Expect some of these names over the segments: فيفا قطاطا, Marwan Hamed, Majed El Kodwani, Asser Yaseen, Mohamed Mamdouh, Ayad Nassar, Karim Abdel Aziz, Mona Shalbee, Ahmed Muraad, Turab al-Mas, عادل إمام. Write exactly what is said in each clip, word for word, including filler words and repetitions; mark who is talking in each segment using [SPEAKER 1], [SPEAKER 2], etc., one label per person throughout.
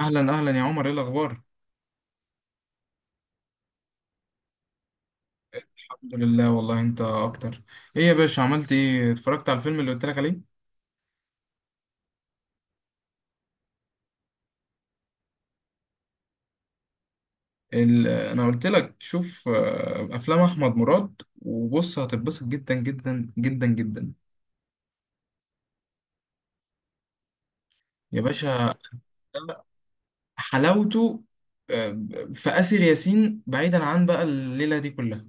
[SPEAKER 1] اهلا اهلا يا عمر، ايه الاخبار؟ الحمد لله والله، انت اكتر. ايه يا باشا، عملت ايه؟ اتفرجت على الفيلم اللي قلت لك عليه؟ ال- انا قلت لك شوف آه، افلام احمد مراد وبص، هتتبسط جدا جدا جدا جدا. يا باشا، ده حلاوته آه، في آسر ياسين، بعيدا عن بقى الليلة دي كلها.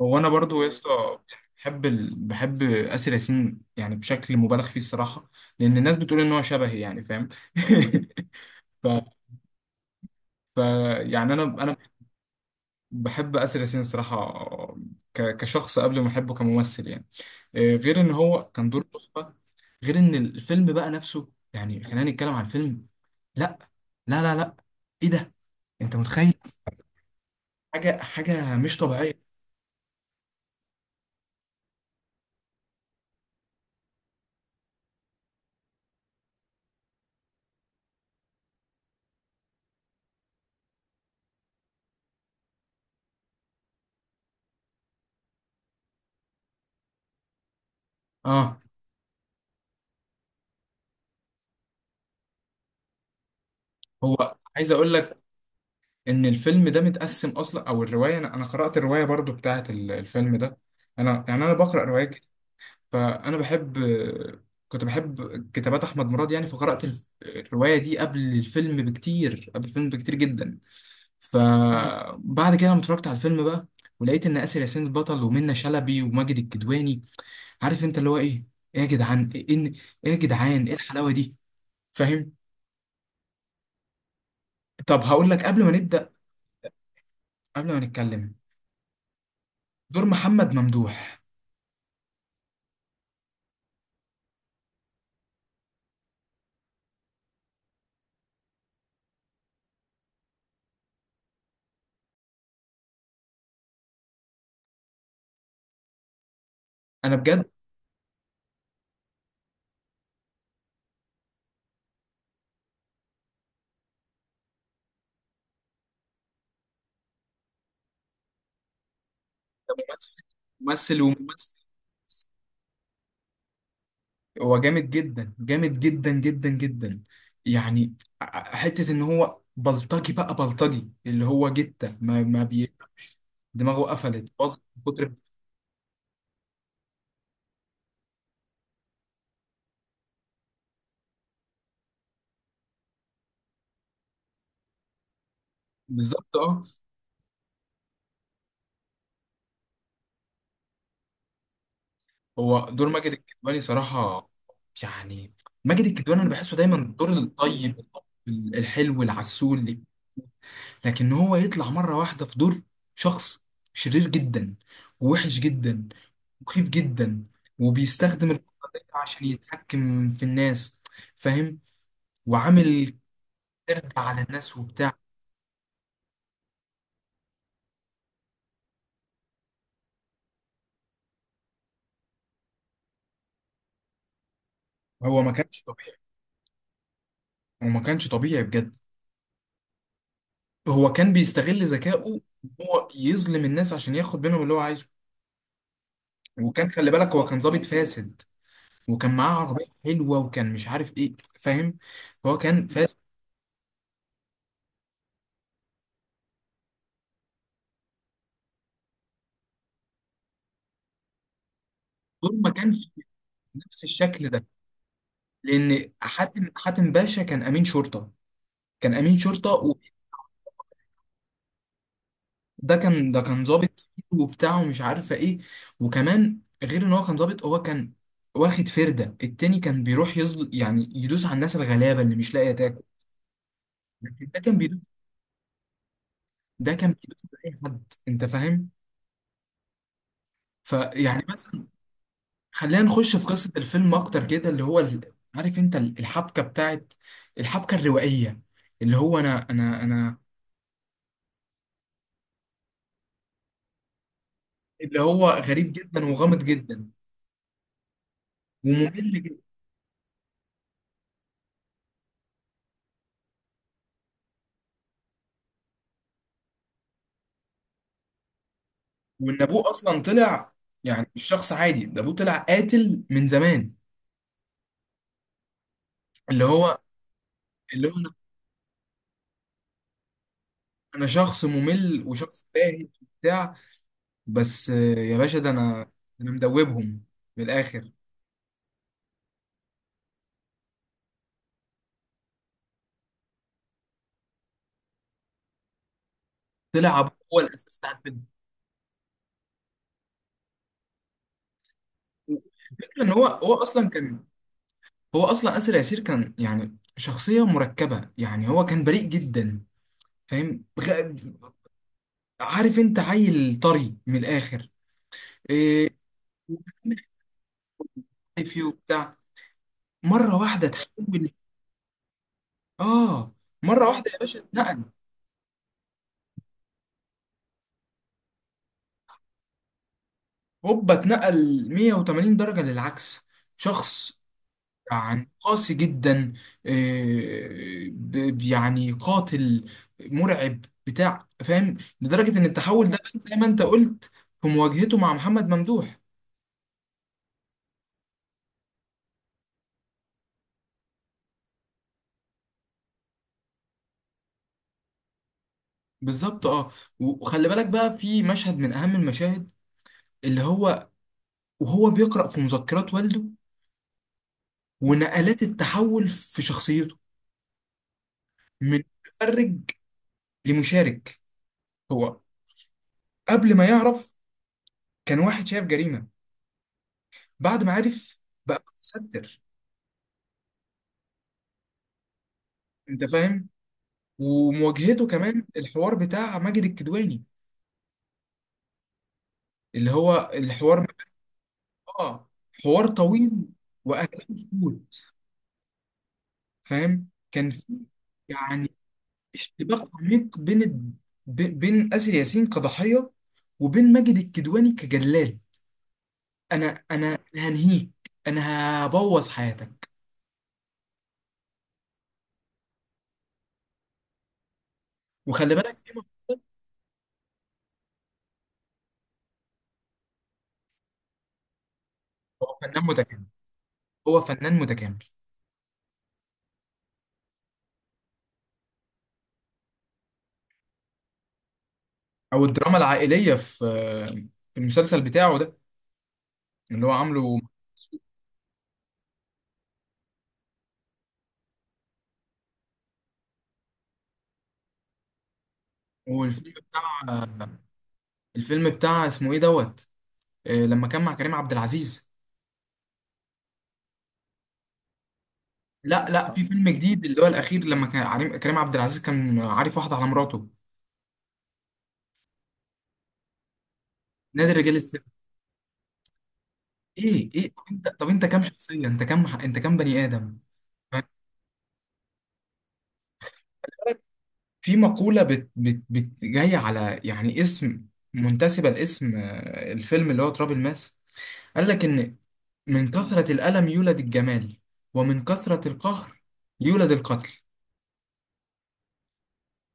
[SPEAKER 1] هو انا برضو يا اسطى بحب ال... بحب آسر ياسين يعني بشكل مبالغ فيه الصراحة، لان الناس بتقول ان هو شبهي، يعني فاهم. ف... ف... يعني انا انا بحب آسر ياسين الصراحة، ك- كشخص قبل ما أحبه كممثل يعني. آه، غير إن هو كان دور تحفة، غير إن الفيلم بقى نفسه. يعني خلينا نتكلم عن الفيلم. لا لا لا لا، إيه ده! أنت متخيل؟ حاجة حاجة مش طبيعية. آه. هو عايز أقول لك إن الفيلم ده متقسم أصلا، أو الرواية. أنا أنا قرأت الرواية برضو بتاعة ال- الفيلم ده. أنا يعني أنا بقرأ روايات. فانا بحب، كنت بحب كتابات احمد مراد، يعني فقرات الف- الروايه دي قبل الفيلم بكتير، قبل الفيلم بكتير جدا. مم. فبعد كده لما اتفرجت على الفيلم بقى، ولقيت ان اسر ياسين البطل ومنى شلبي وماجد الكدواني، عارف انت اللي هو ايه. ايه يا جدعان ايه إن- إيه يا جدعان، ايه الحلاوه دي؟ فاهم. طب هقول لك قبل ما نبدا، قبل ما نتكلم، دور محمد ممدوح. انا بجد، ممثل، ممثل وممثل. هو جامد جدا، جامد جدا جدا جدا. يعني ع- حتة ان هو بلطجي، بقى بلطجي اللي هو جتة ما, ما بي... دماغه قفلت، باظت من كتر. بالظبط، اه. هو دور ماجد الكدواني صراحة، يعني ماجد الكدواني انا بحسه دايما الدور الطيب، الحلو، العسول، لكن هو يطلع مرة واحدة في دور شخص شرير جدا، ووحش جدا، مخيف جدا، وبيستخدم القوة دي عشان يتحكم في الناس. فاهم، وعامل قرد على الناس وبتاع. هو ما كانش طبيعي، هو ما كانش طبيعي بجد. هو كان بيستغل ذكائه إن هو يظلم الناس عشان ياخد منهم اللي هو عايزه. وكان خلي بالك، هو كان ظابط فاسد، وكان معاه عربية حلوة، وكان مش عارف ايه، فاهم. هو كان فاسد. دول ما كانش بنفس الشكل ده، لان حاتم حاتم باشا كان امين شرطة، كان امين شرطة. ده كان ده كان ظابط كتير وبتاع ومش عارفه ايه. وكمان غير ان هو كان ظابط، هو كان واخد فرده التاني، كان بيروح يزل، يعني يدوس على الناس الغلابه اللي مش لاقيه تاكل. لكن ده كان بيدوس، ده كان بيدوس على اي حد، انت فاهم. فيعني مثلا، خلينا نخش في قصه الفيلم اكتر كده، اللي هو ال- عارف انت ال- الحبكه بتاعت، الحبكه الروائيه، اللي هو انا انا انا. اللي هو غريب جدا، وغامض جدا، وممل. وان ابوه اصلا طلع، يعني مش شخص عادي، ده ابوه طلع قاتل من زمان. اللي هو اللي هو انا، أنا شخص ممل، وشخص تاهي وبتاع. بس آه، يا باشا، ده انا، انا مدوبهم من الاخر. طلع ابوه هو الاساس بتاع الفيلم. الفكره ان هو هو اصلا كان، هو اصلا اسر ياسير كان، يعني شخصيه مركبه. يعني هو كان بريء جدا، فاهم، غ- عارف انت، عيل طري من الاخر. إيه، وبيعمل حاجة فيه وبتاع. مره واحده تحول. اه مره اه واحده يا باشا اتنقل، هوبا اتنقل مية وثمانين درجه للعكس. شخص يعني قاسي جدا، آه، ب- يعني قاتل، مرعب، بتاع، فاهم. لدرجه ان التحول ده بان زي ما انت قلت في مواجهته مع محمد ممدوح. بالظبط، اه. وخلي بالك بقى في مشهد من اهم المشاهد، اللي هو وهو بيقرأ في مذكرات والده، ونقلات التحول في شخصيته من متفرج لمشارك. هو قبل ما يعرف كان واحد شايف جريمة، بعد ما عرف بقى متستر. انت فاهم. ومواجهته كمان الحوار بتاع ماجد الكدواني، اللي هو الحوار، اه، حوار طويل، واهدافه كتير، فاهم. كان في، يعني، اشتباك عميق بين الد- بي- بين اسر ياسين كضحية، وبين ماجد الكدواني كجلاد. انا انا هنهيك، انا هبوظ حياتك. وخلي بالك، هو فنان متكامل، هو فنان متكامل. او الدراما العائليه في، في المسلسل بتاعه ده اللي هو عامله. والفيلم بتاع الفيلم بتاع اسمه ايه دوت، آه، لما كان مع كريم عبد العزيز. لا لا، في فيلم جديد اللي هو الاخير، لما كان عريم- كريم عبد العزيز كان عارف واحده على مراته. نادي رجال السر. ايه ايه، طب انت، طب انت كام شخصيه، انت كام، انت كام بني ادم؟ في مقوله بت بت بت جايه على، يعني، اسم، منتسبه لاسم آه، الفيلم اللي هو تراب الماس. قال لك إن من كثرة الألم يولد الجمال، ومن كثرة القهر يولد القتل.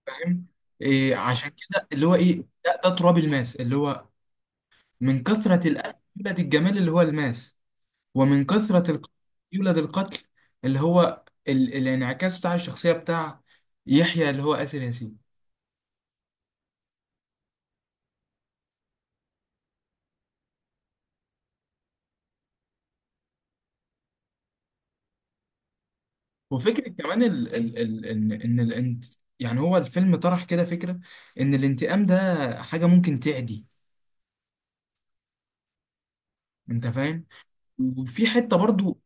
[SPEAKER 1] فاهم. إيه، عشان كده اللي هو إيه، ده, ده تراب الماس، اللي هو من كثرة الألم يولد الجمال اللي هو الماس، ومن كثرة القهر يولد القتل. اللي هو ال... الانعكاس بتاع الشخصية بتاع يحيى، اللي هو آسر ياسين. وفكرة كمان ال... ال... ال... إن إن الانت... يعني هو الفيلم طرح كده فكرة إن الانتقام ده حاجة ممكن تعدي. أنت فاهم؟ وفي حتة برضو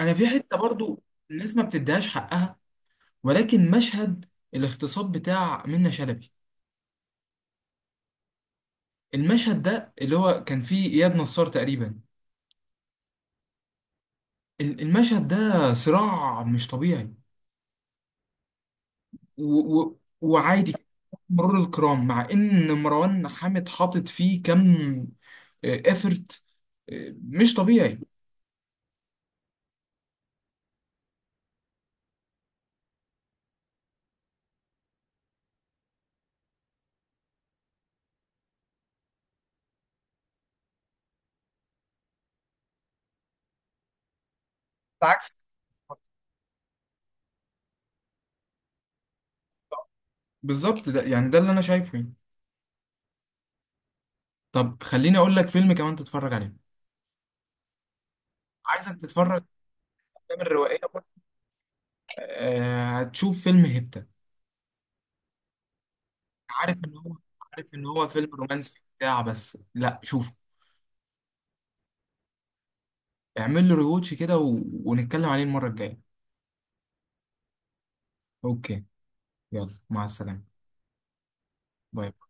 [SPEAKER 1] انا في حته برضو، الناس ما بتديهاش حقها، ولكن مشهد الاغتصاب بتاع منة شلبي. المشهد ده اللي هو كان فيه اياد نصار تقريبا، ال- المشهد ده صراع مش طبيعي و و وعادي، مرور الكرام، مع ان مروان حامد حاطط فيه كم افرت مش طبيعي. بالعكس. بالظبط، ده يعني ده اللي انا شايفه يعني. طب خليني اقول لك فيلم كمان تتفرج عليه، عايزك تتفرج على الافلام الروائيه برضه. آه، هتشوف فيلم هبت. عارف ان هو عارف ان هو فيلم رومانسي بتاع، بس لا شوف، اعمل له ريوتش كده و... ونتكلم عليه المرة الجاية. اوكي، يلا مع السلامة. باي.